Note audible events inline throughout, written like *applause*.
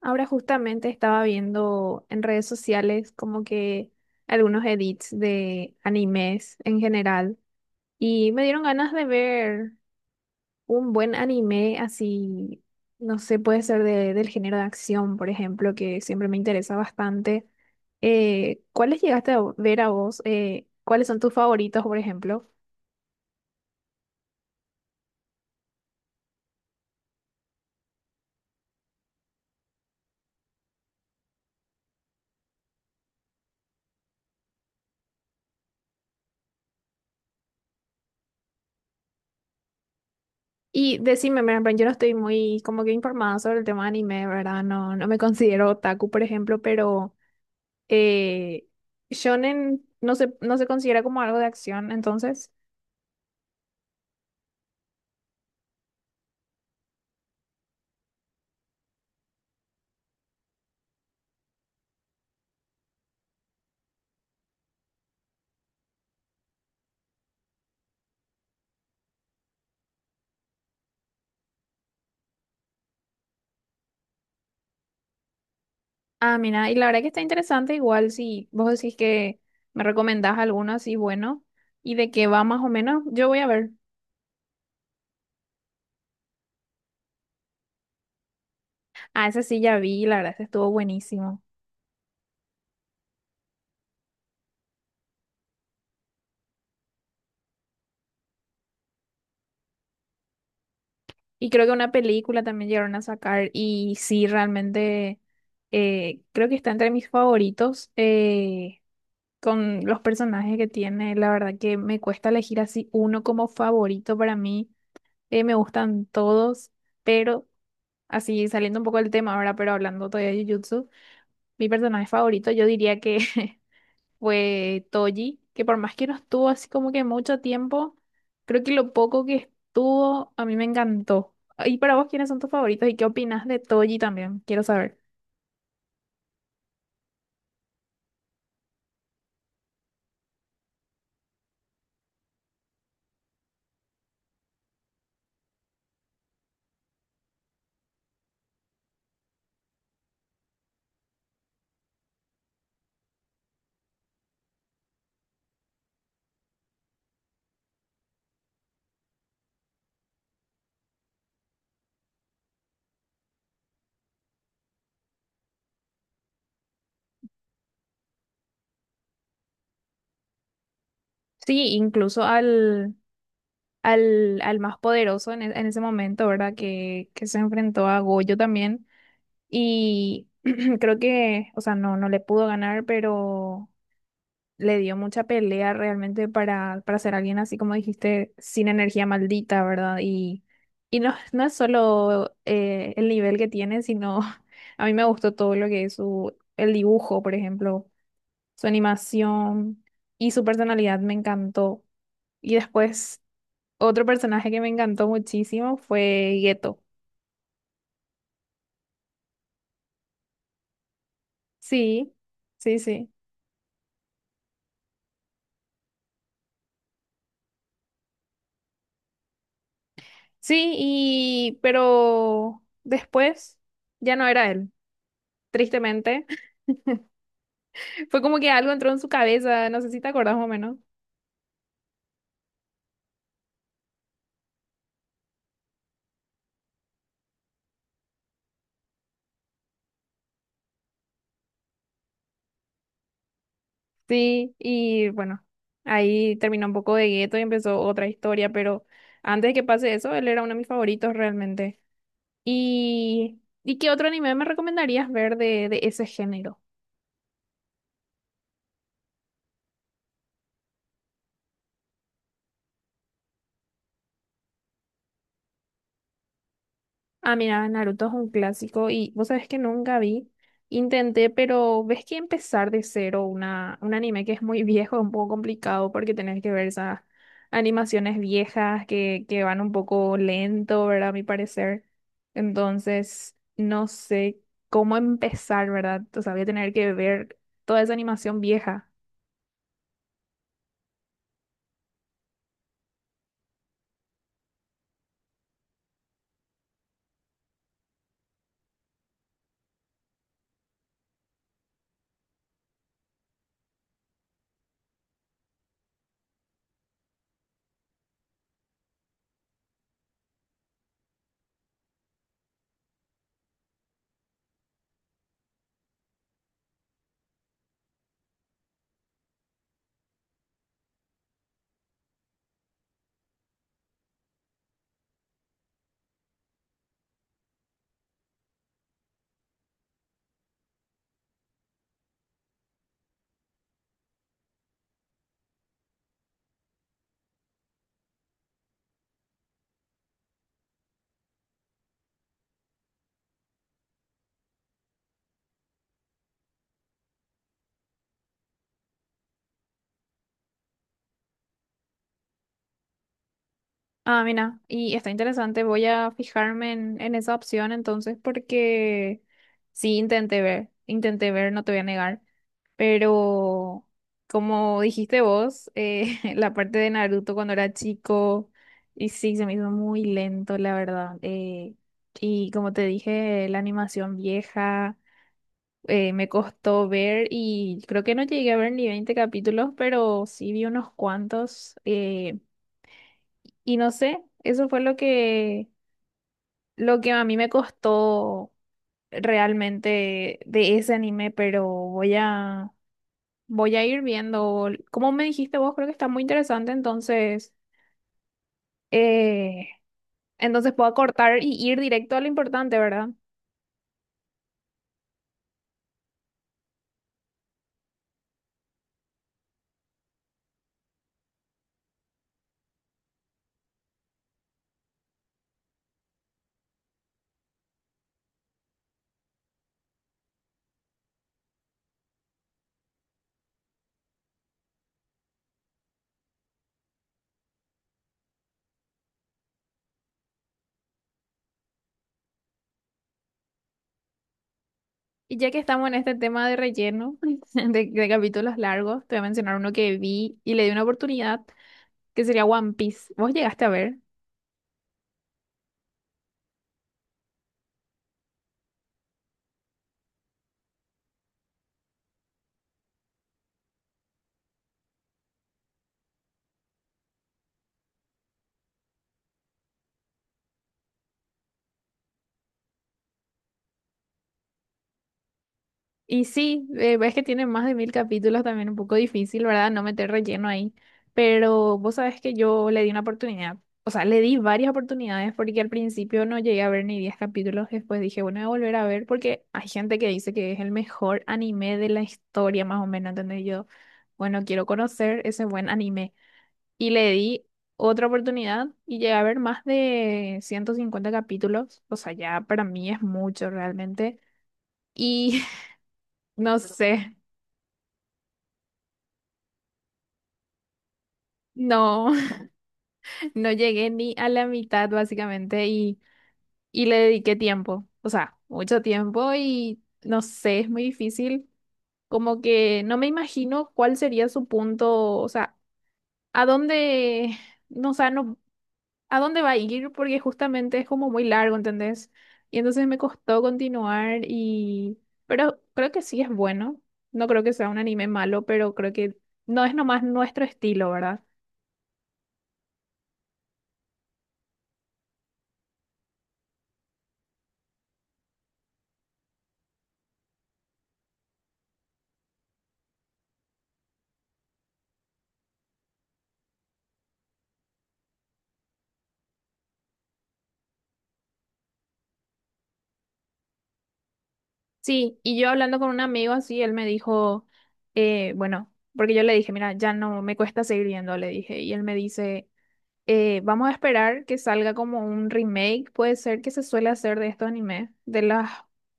Ahora justamente estaba viendo en redes sociales como que algunos edits de animes en general y me dieron ganas de ver un buen anime así, no sé, puede ser del género de acción, por ejemplo, que siempre me interesa bastante. ¿Cuáles llegaste a ver a vos? ¿Cuáles son tus favoritos, por ejemplo? Y decime, mira, pero yo no estoy muy como que informada sobre el tema de anime, ¿verdad? No, no me considero otaku, por ejemplo, pero... Eh, Shonen no se considera como algo de acción, entonces. Ah, mira, y la verdad que está interesante, igual si vos decís que me recomendás alguno así bueno y de qué va más o menos, yo voy a ver. Ah, ese sí ya vi, la verdad, ese estuvo buenísimo. Y creo que una película también llegaron a sacar y sí, realmente creo que está entre mis favoritos con los personajes que tiene, la verdad que me cuesta elegir así uno como favorito para mí. Me gustan todos, pero así saliendo un poco del tema ahora, pero hablando todavía de Jujutsu, mi personaje favorito yo diría que *laughs* fue Toji, que por más que no estuvo así como que mucho tiempo, creo que lo poco que estuvo a mí me encantó. ¿Y para vos quiénes son tus favoritos y qué opinas de Toji también? Quiero saber. Sí, incluso al más poderoso en, en ese momento, ¿verdad? Que se enfrentó a Goyo también. Y *clears throat* creo que, o sea, no, no le pudo ganar, pero le dio mucha pelea realmente para ser alguien así como dijiste, sin energía maldita, ¿verdad? Y no, *laughs* no es solo el nivel que tiene, sino *laughs* a mí me gustó todo lo que es el dibujo, por ejemplo, su animación y su personalidad me encantó. Y después, otro personaje que me encantó muchísimo fue Geto. Sí, sí, sí. Sí, y pero después ya no era él, tristemente. *laughs* Fue como que algo entró en su cabeza, no sé si te acordás más o menos. Sí, y bueno, ahí terminó un poco de gueto y empezó otra historia, pero antes de que pase eso, él era uno de mis favoritos realmente. ¿Y qué otro anime me recomendarías ver de ese género? Ah, mira, Naruto es un clásico y vos sabés que nunca vi. Intenté, pero ves que empezar de cero un anime que es muy *laughs* viejo es un poco complicado porque tenés que ver esas animaciones viejas que van un poco lento, ¿verdad? A mi parecer. Entonces, no sé cómo empezar, ¿verdad? O sea, voy a tener que ver toda esa animación vieja. Ah, mira, y está interesante. Voy a fijarme en esa opción entonces porque sí intenté ver, no te voy a negar, pero como dijiste vos, *laughs* la parte de Naruto cuando era chico, y sí, se me hizo muy lento, la verdad. Y como te dije, la animación vieja, me costó ver y creo que no llegué a ver ni 20 capítulos, pero sí vi unos cuantos. Y no sé, eso fue lo que a mí me costó realmente de ese anime, pero voy a ir viendo. Como me dijiste vos, creo que está muy interesante, entonces, eh, entonces puedo cortar y ir directo a lo importante, ¿verdad? Y ya que estamos en este tema de relleno, *laughs* de capítulos largos, te voy a mencionar uno que vi y le di una oportunidad, que sería One Piece. ¿Vos llegaste a ver? Y sí, ves que tiene más de 1000 capítulos también, un poco difícil, ¿verdad? No meter relleno ahí. Pero vos sabés que yo le di una oportunidad, o sea, le di varias oportunidades porque al principio no llegué a ver ni 10 capítulos, después dije, bueno, voy a volver a ver porque hay gente que dice que es el mejor anime de la historia, más o menos, ¿entendés? Yo, bueno, quiero conocer ese buen anime. Y le di otra oportunidad y llegué a ver más de 150 capítulos, o sea, ya para mí es mucho realmente. Y *laughs* no sé. No, *laughs* no llegué ni a la mitad básicamente y le dediqué tiempo, o sea, mucho tiempo y no sé, es muy difícil, como que no me imagino cuál sería su punto, o sea, a dónde, no, o sea, no, a dónde va a ir porque justamente es como muy largo, ¿entendés? Y entonces me costó continuar y, pero creo que sí es bueno, no creo que sea un anime malo, pero creo que no es nomás nuestro estilo, ¿verdad? Sí, y yo hablando con un amigo así, él me dijo, bueno, porque yo le dije, mira, ya no me cuesta seguir viendo, le dije, y él me dice, vamos a esperar que salga como un remake, puede ser que se suele hacer de estos animes, de las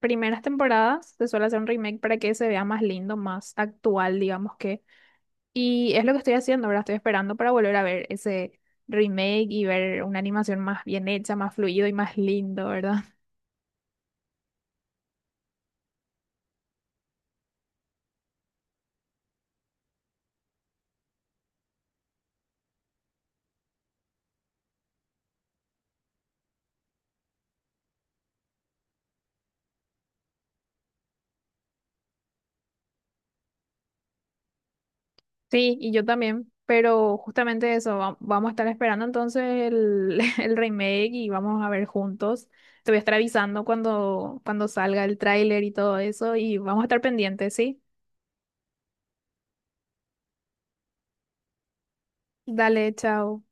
primeras temporadas se suele hacer un remake para que se vea más lindo, más actual, digamos que, y es lo que estoy haciendo, ahora estoy esperando para volver a ver ese remake y ver una animación más bien hecha, más fluido y más lindo, ¿verdad? Sí, y yo también, pero justamente eso, vamos a estar esperando entonces el, *laughs* el remake y vamos a ver juntos. Te voy a estar avisando cuando salga el tráiler y todo eso y vamos a estar pendientes, ¿sí? Dale, chao.